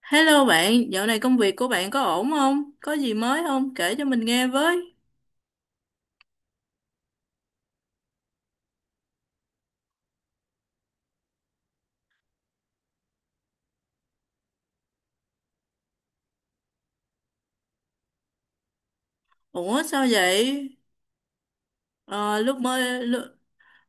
Hello bạn, dạo này công việc của bạn có ổn không? Có gì mới không? Kể cho mình nghe với. Ủa sao vậy? Ờ, lúc mới lu-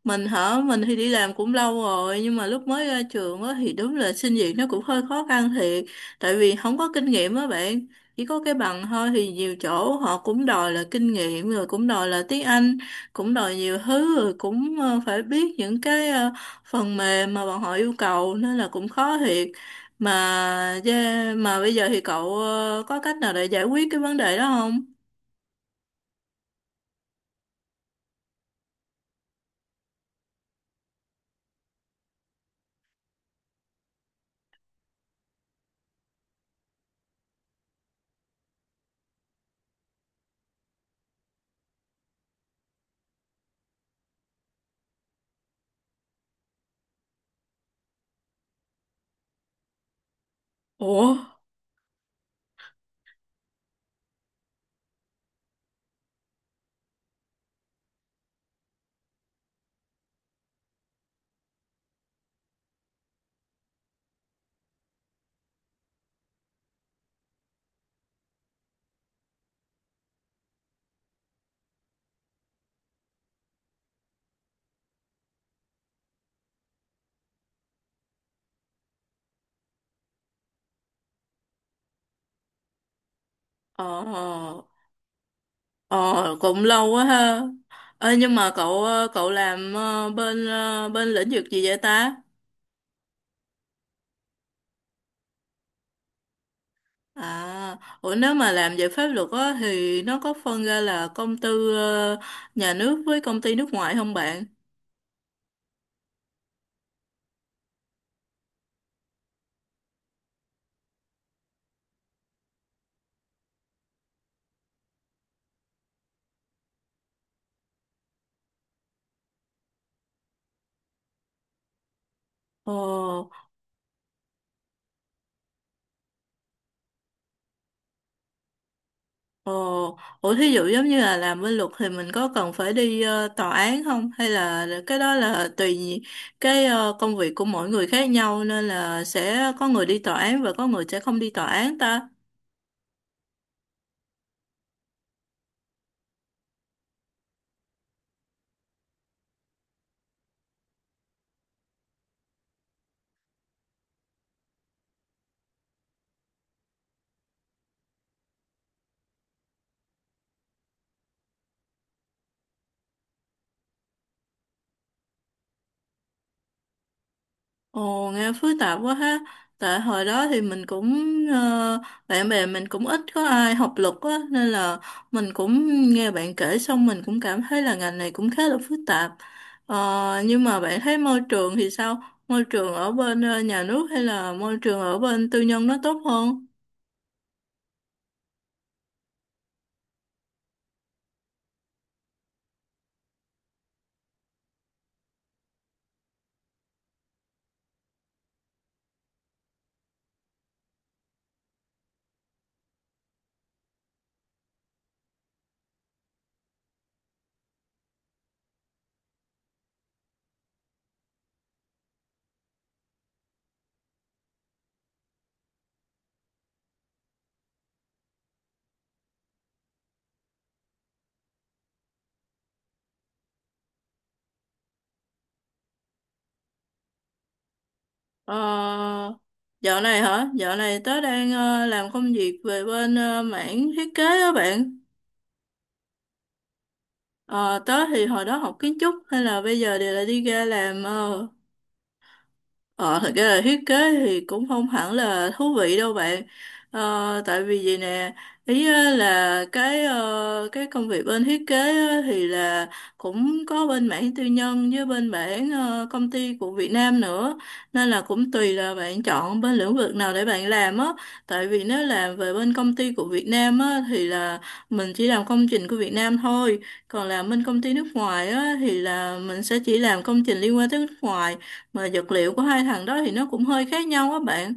mình hả? Mình thì đi làm cũng lâu rồi nhưng mà lúc mới ra trường á thì đúng là xin việc nó cũng hơi khó khăn thiệt, tại vì không có kinh nghiệm á bạn. Chỉ có cái bằng thôi thì nhiều chỗ họ cũng đòi là kinh nghiệm, rồi cũng đòi là tiếng Anh, cũng đòi nhiều thứ, rồi cũng phải biết những cái phần mềm mà bọn họ yêu cầu, nên là cũng khó thiệt mà. Yeah, mà bây giờ thì cậu có cách nào để giải quyết cái vấn đề đó không? Ủa? Ờ. Ờ, cũng lâu quá ha. Ê, nhưng mà cậu cậu làm bên bên lĩnh vực gì vậy ta? À, ủa nếu mà làm về pháp luật á thì nó có phân ra là công tư nhà nước với công ty nước ngoài không bạn? Ồ, ồ, ủa thí dụ giống như là làm bên luật thì mình có cần phải đi tòa án không? Hay là cái đó là tùy cái công việc của mỗi người khác nhau, nên là sẽ có người đi tòa án và có người sẽ không đi tòa án ta? Ồ, nghe phức tạp quá ha. Tại hồi đó thì mình cũng ờ, bạn bè mình cũng ít có ai học luật á, nên là mình cũng nghe bạn kể xong mình cũng cảm thấy là ngành này cũng khá là phức tạp. Ờ, nhưng mà bạn thấy môi trường thì sao? Môi trường ở bên nhà nước hay là môi trường ở bên tư nhân nó tốt hơn? Ờ, dạo này hả? Dạo này tớ đang làm công việc về bên mảng thiết kế á bạn. Ờ, tớ thì hồi đó học kiến trúc hay là bây giờ đều là đi ra làm Ờ, thật ra là thiết kế thì cũng không hẳn là thú vị đâu bạn. Ờ, tại vì vậy nè, ý á là cái cái công việc bên thiết kế á thì là cũng có bên mảng tư nhân với bên mảng công ty của Việt Nam nữa. Nên là cũng tùy là bạn chọn bên lĩnh vực nào để bạn làm á. Tại vì nếu làm về bên công ty của Việt Nam á thì là mình chỉ làm công trình của Việt Nam thôi. Còn làm bên công ty nước ngoài á thì là mình sẽ chỉ làm công trình liên quan tới nước ngoài, mà vật liệu của hai thằng đó thì nó cũng hơi khác nhau á bạn.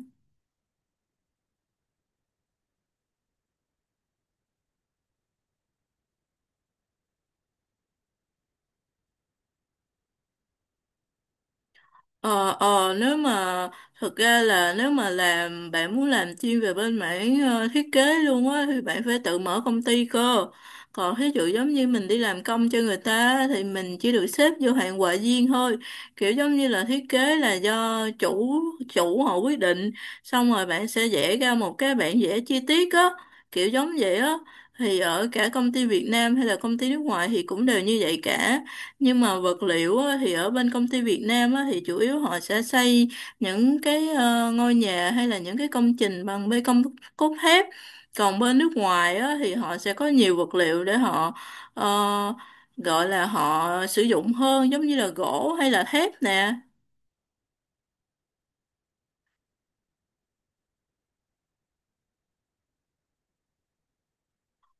Ờ Nếu mà thực ra là nếu mà làm, bạn muốn làm chuyên về bên mảng thiết kế luôn á thì bạn phải tự mở công ty cơ. Còn thí dụ giống như mình đi làm công cho người ta á, thì mình chỉ được xếp vô hạng họa viên thôi, kiểu giống như là thiết kế là do chủ chủ họ quyết định, xong rồi bạn sẽ vẽ ra một cái bản vẽ chi tiết á, kiểu giống vậy á. Thì ở cả công ty Việt Nam hay là công ty nước ngoài thì cũng đều như vậy cả, nhưng mà vật liệu á, thì ở bên công ty Việt Nam á, thì chủ yếu họ sẽ xây những cái ngôi nhà hay là những cái công trình bằng bê tông cốt thép. Còn bên nước ngoài á, thì họ sẽ có nhiều vật liệu để họ ờ, gọi là họ sử dụng hơn, giống như là gỗ hay là thép nè.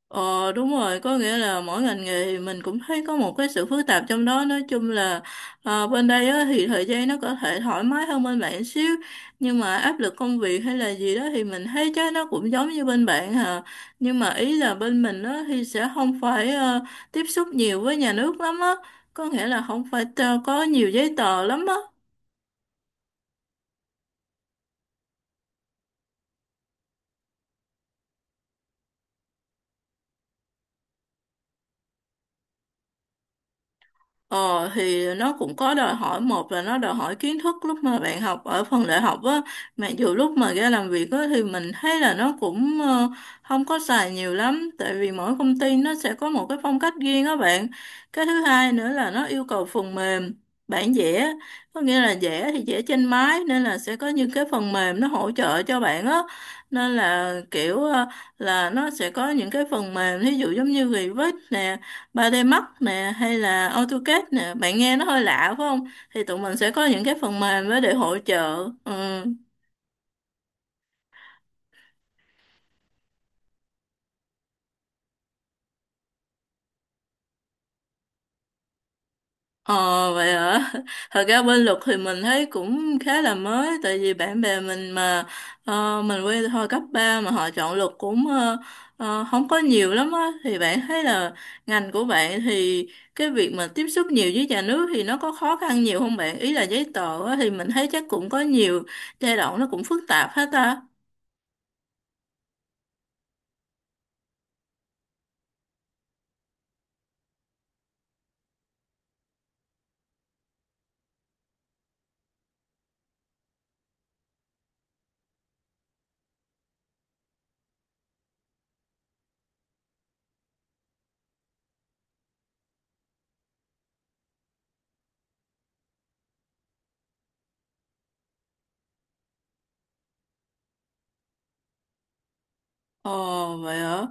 Ờ đúng rồi, có nghĩa là mỗi ngành nghề thì mình cũng thấy có một cái sự phức tạp trong đó. Nói chung là bên đây á, thì thời gian nó có thể thoải mái hơn bên bạn xíu. Nhưng mà áp lực công việc hay là gì đó thì mình thấy chắc nó cũng giống như bên bạn hà. Nhưng mà ý là bên mình á, thì sẽ không phải tiếp xúc nhiều với nhà nước lắm á. Có nghĩa là không phải có nhiều giấy tờ lắm á. Ờ thì nó cũng có đòi hỏi, một là nó đòi hỏi kiến thức lúc mà bạn học ở phần đại học á, mặc dù lúc mà ra làm việc á thì mình thấy là nó cũng không có xài nhiều lắm, tại vì mỗi công ty nó sẽ có một cái phong cách riêng á bạn. Cái thứ hai nữa là nó yêu cầu phần mềm bản vẽ, có nghĩa là vẽ thì vẽ trên máy, nên là sẽ có những cái phần mềm nó hỗ trợ cho bạn á. Nên là kiểu là nó sẽ có những cái phần mềm, ví dụ giống như Revit nè, Ba d Max nè hay là AutoCAD nè, bạn nghe nó hơi lạ phải không? Thì tụi mình sẽ có những cái phần mềm đó để hỗ trợ. Ừ. Ờ vậy hả? Thật ra bên luật thì mình thấy cũng khá là mới, tại vì bạn bè mình mà mình quen hồi cấp 3 mà họ chọn luật cũng không có nhiều lắm á. Thì bạn thấy là ngành của bạn thì cái việc mà tiếp xúc nhiều với nhà nước thì nó có khó khăn nhiều không bạn? Ý là giấy tờ á, thì mình thấy chắc cũng có nhiều giai đoạn nó cũng phức tạp hết ta. Ồ vậy hả?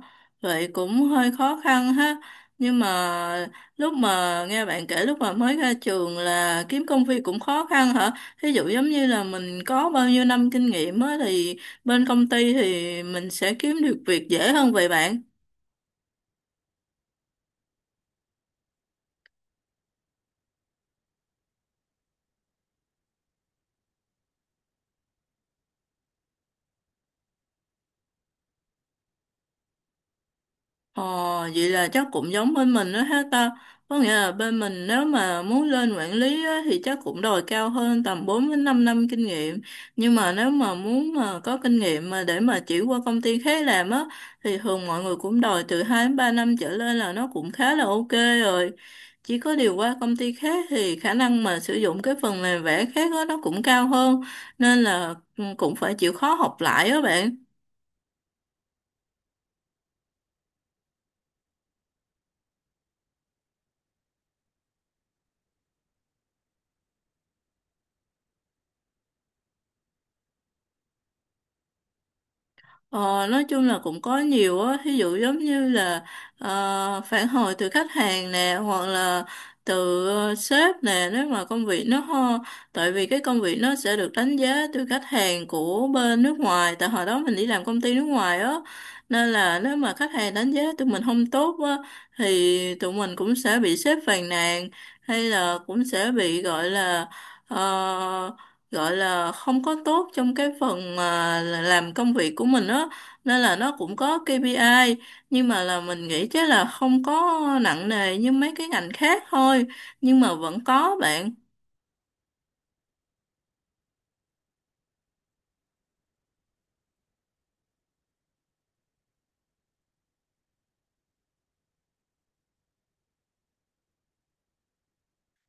Vậy cũng hơi khó khăn ha. Nhưng mà lúc mà nghe bạn kể lúc mà mới ra trường là kiếm công việc cũng khó khăn hả? Ví dụ giống như là mình có bao nhiêu năm kinh nghiệm á thì bên công ty thì mình sẽ kiếm được việc dễ hơn vậy bạn. Ờ, vậy là chắc cũng giống bên mình đó ha ta. Có nghĩa là bên mình nếu mà muốn lên quản lý á, thì chắc cũng đòi cao hơn tầm 4 đến 5 năm kinh nghiệm. Nhưng mà nếu mà muốn mà có kinh nghiệm mà để mà chuyển qua công ty khác làm á thì thường mọi người cũng đòi từ 2 đến 3 năm trở lên là nó cũng khá là ok rồi. Chỉ có điều qua công ty khác thì khả năng mà sử dụng cái phần mềm vẽ khác á nó cũng cao hơn, nên là cũng phải chịu khó học lại đó bạn. Ờ, nói chung là cũng có nhiều á, ví dụ giống như là phản hồi từ khách hàng nè, hoặc là từ sếp nè, nếu mà công việc nó ho, tại vì cái công việc nó sẽ được đánh giá từ khách hàng của bên nước ngoài, tại hồi đó mình đi làm công ty nước ngoài á, nên là nếu mà khách hàng đánh giá tụi mình không tốt á, thì tụi mình cũng sẽ bị sếp phàn nàn, hay là cũng sẽ bị gọi là ờ, gọi là không có tốt trong cái phần mà là làm công việc của mình á, nên là nó cũng có KPI. Nhưng mà là mình nghĩ chắc là không có nặng nề như mấy cái ngành khác thôi, nhưng mà vẫn có bạn.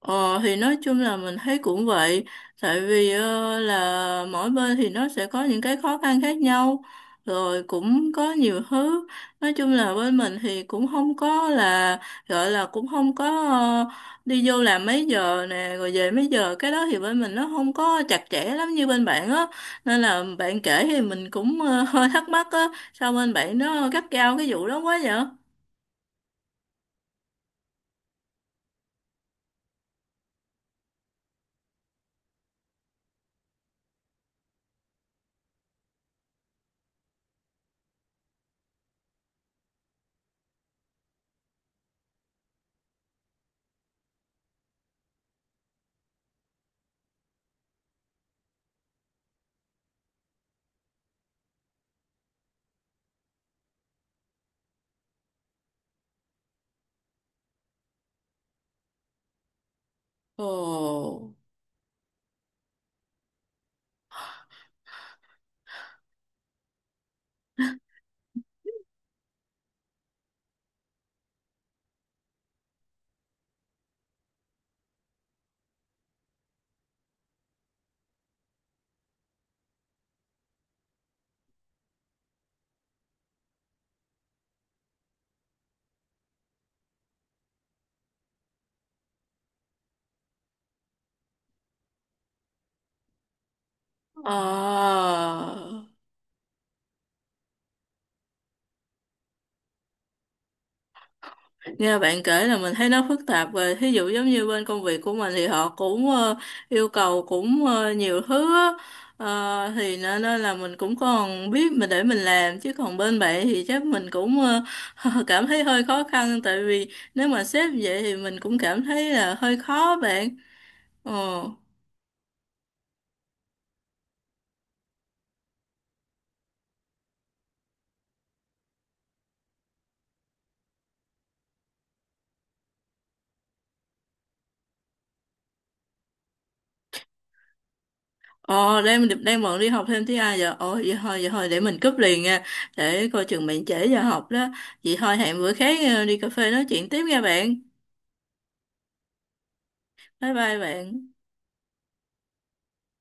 Ờ thì nói chung là mình thấy cũng vậy, tại vì là mỗi bên thì nó sẽ có những cái khó khăn khác nhau, rồi cũng có nhiều thứ. Nói chung là bên mình thì cũng không có là gọi là cũng không có đi vô làm mấy giờ nè rồi về mấy giờ, cái đó thì bên mình nó không có chặt chẽ lắm như bên bạn á. Nên là bạn kể thì mình cũng hơi thắc mắc á, sao bên bạn nó gắt gao cái vụ đó quá vậy? Ồ. Ờ. Nghe bạn kể là mình thấy nó phức tạp, về thí dụ giống như bên công việc của mình thì họ cũng yêu cầu cũng nhiều thứ á. Ờ, thì nên nên là mình cũng còn biết mình để mình làm, chứ còn bên bạn thì chắc mình cũng cảm thấy hơi khó khăn, tại vì nếu mà sếp vậy thì mình cũng cảm thấy là hơi khó bạn. Ờ. Ờ, đang đang bận đi học thêm tiếng Anh giờ. Ồ, vậy thôi, để mình cúp liền nha. Để coi chừng bạn trễ giờ học đó. Vậy thôi, hẹn bữa khác đi cà phê nói chuyện tiếp nha bạn. Bye bye bạn.